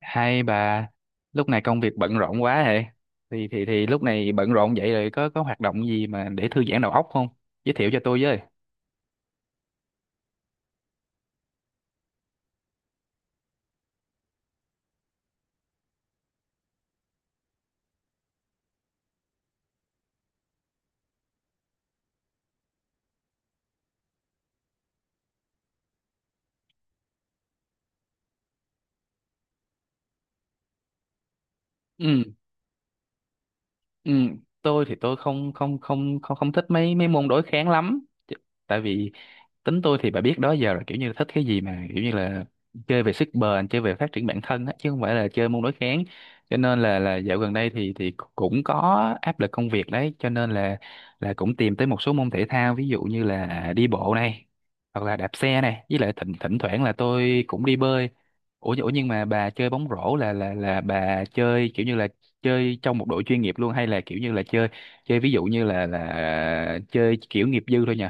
Hai bà, lúc này công việc bận rộn quá hệ. Thì lúc này bận rộn vậy rồi có hoạt động gì mà để thư giãn đầu óc không? Giới thiệu cho tôi với. Ừ, ừ, tôi thì tôi không không không không không thích mấy mấy môn đối kháng lắm. Tại vì tính tôi thì bà biết đó, giờ là kiểu như là thích cái gì mà kiểu như là chơi về sức bền, chơi về phát triển bản thân á, chứ không phải là chơi môn đối kháng, cho nên là dạo gần đây thì cũng có áp lực công việc đấy, cho nên là cũng tìm tới một số môn thể thao, ví dụ như là đi bộ này, hoặc là đạp xe này, với lại thỉnh thỉnh thoảng là tôi cũng đi bơi. Ủa ủa nhưng mà bà chơi bóng rổ là bà chơi kiểu như là chơi trong một đội chuyên nghiệp luôn, hay là kiểu như là chơi chơi ví dụ như là chơi kiểu nghiệp dư thôi nhỉ?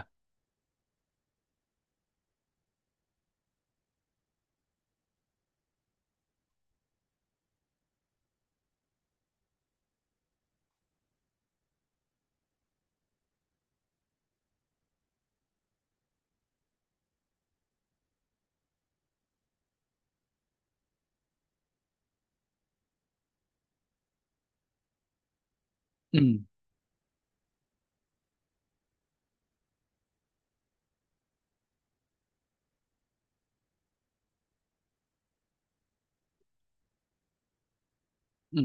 Ừ. Ừ.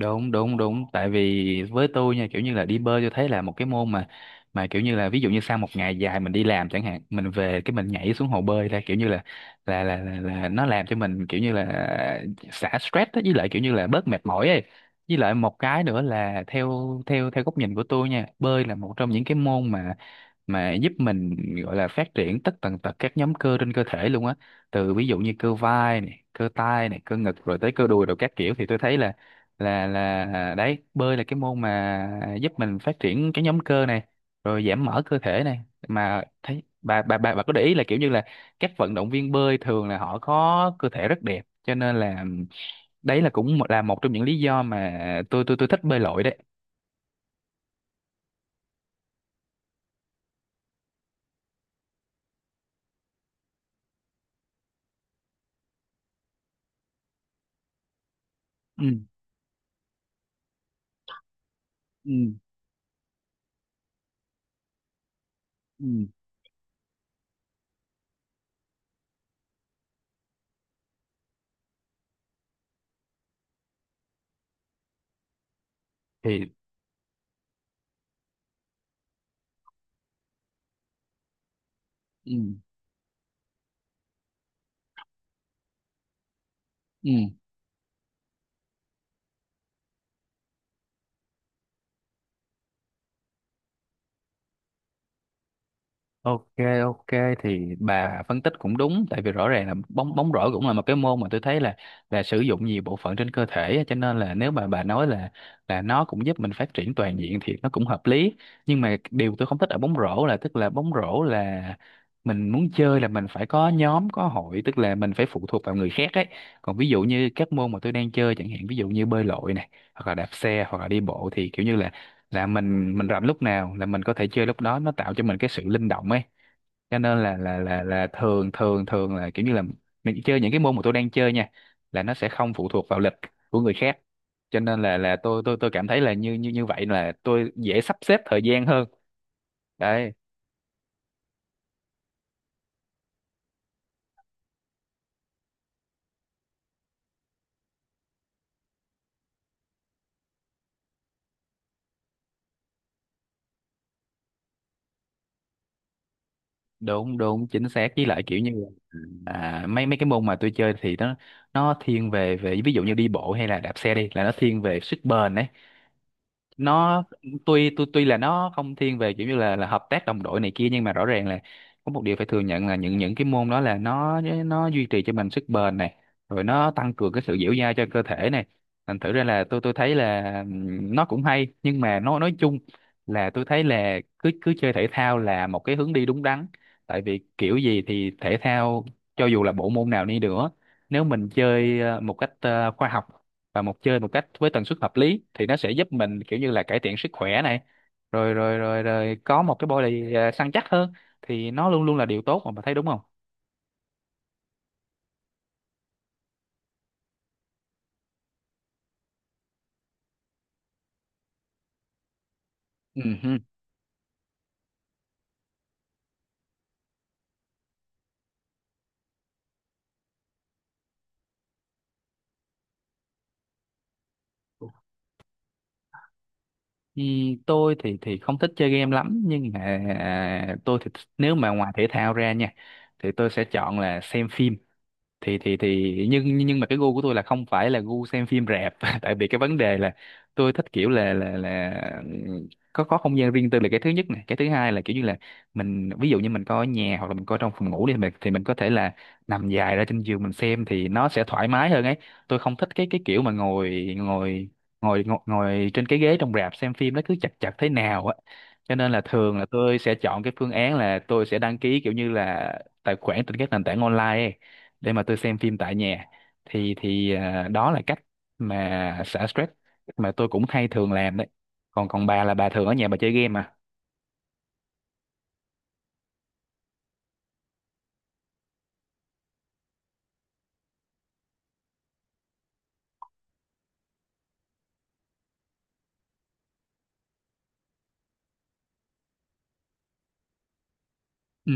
Đúng đúng đúng, tại vì với tôi nha, kiểu như là đi bơi tôi thấy là một cái môn mà kiểu như là ví dụ như sau một ngày dài mình đi làm chẳng hạn, mình về cái mình nhảy xuống hồ bơi ra kiểu như là nó làm cho mình kiểu như là xả stress đó, với lại kiểu như là bớt mệt mỏi ấy. Với lại một cái nữa là theo theo theo góc nhìn của tôi nha, bơi là một trong những cái môn mà giúp mình, gọi là phát triển tất tần tật các nhóm cơ trên cơ thể luôn á, từ ví dụ như cơ vai này, cơ tay này, cơ ngực, rồi tới cơ đùi rồi các kiểu, thì tôi thấy là là à, đấy, bơi là cái môn mà giúp mình phát triển cái nhóm cơ này, rồi giảm mỡ cơ thể này. Mà thấy bà bà có để ý là kiểu như là các vận động viên bơi thường là họ có cơ thể rất đẹp, cho nên là đấy là cũng một- là một trong những lý do mà tôi tôi thích bơi lội đấy. Ừ. Ừ. Ừ. Thì. Ừ. Ừ. Ok, ok, thì bà phân tích cũng đúng, tại vì rõ ràng là bóng bóng rổ cũng là một cái môn mà tôi thấy là sử dụng nhiều bộ phận trên cơ thể á, cho nên là nếu mà bà nói là nó cũng giúp mình phát triển toàn diện thì nó cũng hợp lý. Nhưng mà điều tôi không thích ở bóng rổ là, tức là bóng rổ là mình muốn chơi là mình phải có nhóm có hội, tức là mình phải phụ thuộc vào người khác ấy. Còn ví dụ như các môn mà tôi đang chơi chẳng hạn, ví dụ như bơi lội này, hoặc là đạp xe, hoặc là đi bộ, thì kiểu như là mình rảnh lúc nào là mình có thể chơi lúc đó, nó tạo cho mình cái sự linh động ấy, cho nên là thường thường thường là kiểu như là mình chơi những cái môn mà tôi đang chơi nha là nó sẽ không phụ thuộc vào lịch của người khác, cho nên là tôi tôi cảm thấy là như như như vậy là tôi dễ sắp xếp thời gian hơn đấy. Đúng đúng chính xác, với lại kiểu như là, à, mấy mấy cái môn mà tôi chơi thì nó thiên về về ví dụ như đi bộ hay là đạp xe đi là nó thiên về sức bền ấy. Nó tuy tuy tuy là nó không thiên về kiểu như là hợp tác đồng đội này kia, nhưng mà rõ ràng là có một điều phải thừa nhận là những cái môn đó là nó duy trì cho mình sức bền này, rồi nó tăng cường cái sự dẻo dai cho cơ thể này, thành thử ra là tôi thấy là nó cũng hay, nhưng mà nó nói chung là tôi thấy là cứ cứ chơi thể thao là một cái hướng đi đúng đắn, tại vì kiểu gì thì thể thao, cho dù là bộ môn nào đi nữa, nếu mình chơi một cách khoa học và một chơi một cách với tần suất hợp lý thì nó sẽ giúp mình kiểu như là cải thiện sức khỏe này, rồi rồi rồi rồi có một cái body à, săn chắc hơn, thì nó luôn luôn là điều tốt mà, bà thấy đúng không? Ừ hừ. Ừ, tôi thì không thích chơi game lắm, nhưng mà à, tôi thì nếu mà ngoài thể thao ra nha thì tôi sẽ chọn là xem phim. Thì nhưng mà cái gu của tôi là không phải là gu xem phim rạp tại vì cái vấn đề là tôi thích kiểu là có không gian riêng tư là cái thứ nhất này, cái thứ hai là kiểu như là mình ví dụ như mình coi ở nhà hoặc là mình coi trong phòng ngủ đi, mình thì mình có thể là nằm dài ra trên giường mình xem thì nó sẽ thoải mái hơn ấy. Tôi không thích cái kiểu mà ngồi ngồi ngồi ngồi, ngồi trên cái ghế trong rạp xem phim, nó cứ chật chật thế nào á, cho nên là thường là tôi sẽ chọn cái phương án là tôi sẽ đăng ký kiểu như là tài khoản trên các nền tảng online ấy để mà tôi xem phim tại nhà. Thì à, đó là cách mà xả stress mà tôi cũng hay thường làm đấy. Còn còn bà là bà thường ở nhà bà chơi game à? Ừ.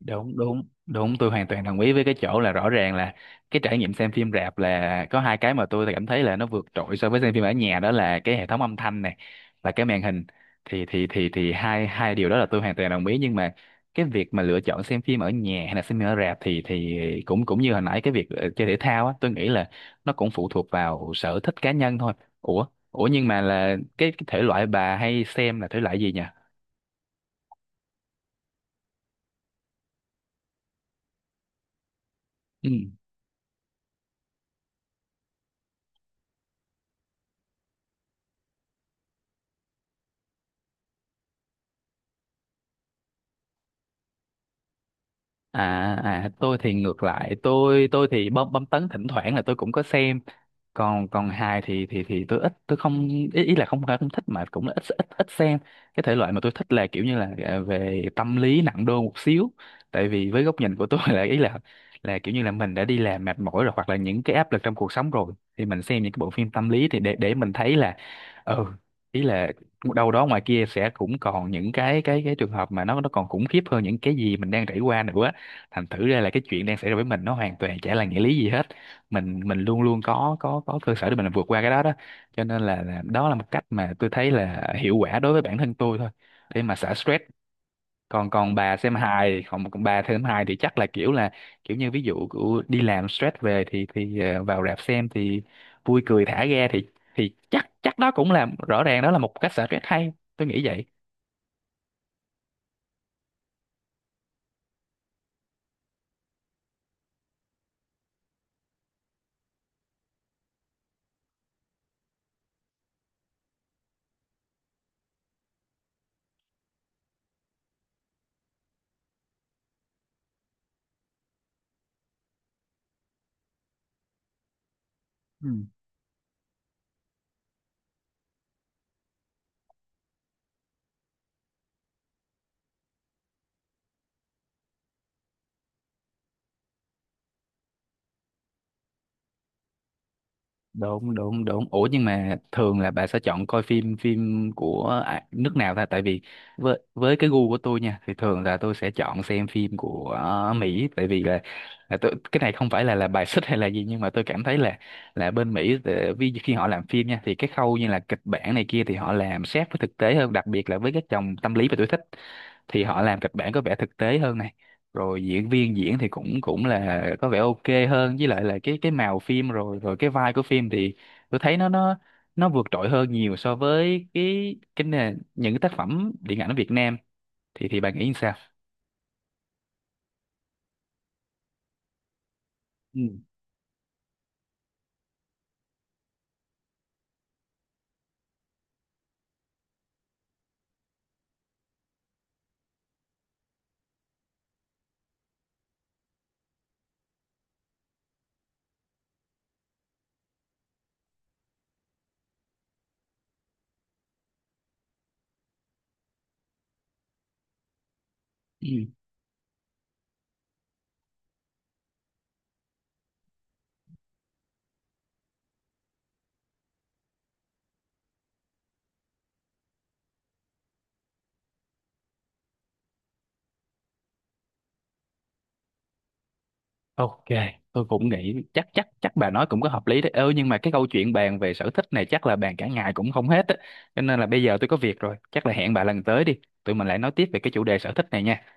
Đúng đúng đúng, tôi hoàn toàn đồng ý với cái chỗ là rõ ràng là cái trải nghiệm xem phim rạp là có hai cái mà tôi cảm thấy là nó vượt trội so với xem phim ở nhà, đó là cái hệ thống âm thanh này và cái màn hình, thì hai hai điều đó là tôi hoàn toàn đồng ý. Nhưng mà cái việc mà lựa chọn xem phim ở nhà hay là xem phim ở rạp thì cũng cũng như hồi nãy cái việc chơi thể thao á, tôi nghĩ là nó cũng phụ thuộc vào sở thích cá nhân thôi. Ủa ủa nhưng mà là cái thể loại bà hay xem là thể loại gì nhỉ? À, tôi thì ngược lại, tôi thì bom bom tấn thỉnh thoảng là tôi cũng có xem, còn còn hài thì tôi ít, tôi không, ý, ý là không phải không thích mà cũng là ít ít ít xem. Cái thể loại mà tôi thích là kiểu như là à, về tâm lý nặng đô một xíu, tại vì với góc nhìn của tôi là ý là kiểu như là mình đã đi làm mệt mỏi rồi hoặc là những cái áp lực trong cuộc sống rồi thì mình xem những cái bộ phim tâm lý thì để mình thấy là ừ, ý là đâu đó ngoài kia sẽ cũng còn những cái cái trường hợp mà nó còn khủng khiếp hơn những cái gì mình đang trải qua nữa, thành thử ra là cái chuyện đang xảy ra với mình nó hoàn toàn chả là nghĩa lý gì hết, mình luôn luôn có có cơ sở để mình vượt qua cái đó đó, cho nên là đó là một cách mà tôi thấy là hiệu quả đối với bản thân tôi thôi để mà xả stress. Còn còn bà xem hài còn, còn bà xem hài thì chắc là kiểu như ví dụ của đi làm stress về thì vào rạp xem thì vui cười thả ga thì chắc chắc đó cũng là, rõ ràng đó là một cách xả stress hay, tôi nghĩ vậy. Đúng đúng đúng, ủa nhưng mà thường là bà sẽ chọn coi phim phim của à, nước nào ta? Tại vì với cái gu của tôi nha thì thường là tôi sẽ chọn xem phim của Mỹ, tại vì là tôi, cái này không phải là bài xích hay là gì, nhưng mà tôi cảm thấy là bên Mỹ vì khi họ làm phim nha thì cái khâu như là kịch bản này kia thì họ làm sát với thực tế hơn, đặc biệt là với các dòng tâm lý mà tôi thích thì họ làm kịch bản có vẻ thực tế hơn này, rồi diễn viên diễn thì cũng cũng là có vẻ ok hơn, với lại là cái màu phim rồi rồi cái vai của phim thì tôi thấy nó vượt trội hơn nhiều so với cái nền những cái tác phẩm điện ảnh ở Việt Nam, thì bà nghĩ sao? Ừ. Ừ. Ok, tôi cũng nghĩ chắc chắc chắc bà nói cũng có hợp lý đấy. Ơ nhưng mà cái câu chuyện bàn về sở thích này chắc là bàn cả ngày cũng không hết á. Cho nên là bây giờ tôi có việc rồi, chắc là hẹn bà lần tới đi. Tụi mình lại nói tiếp về cái chủ đề sở thích này nha.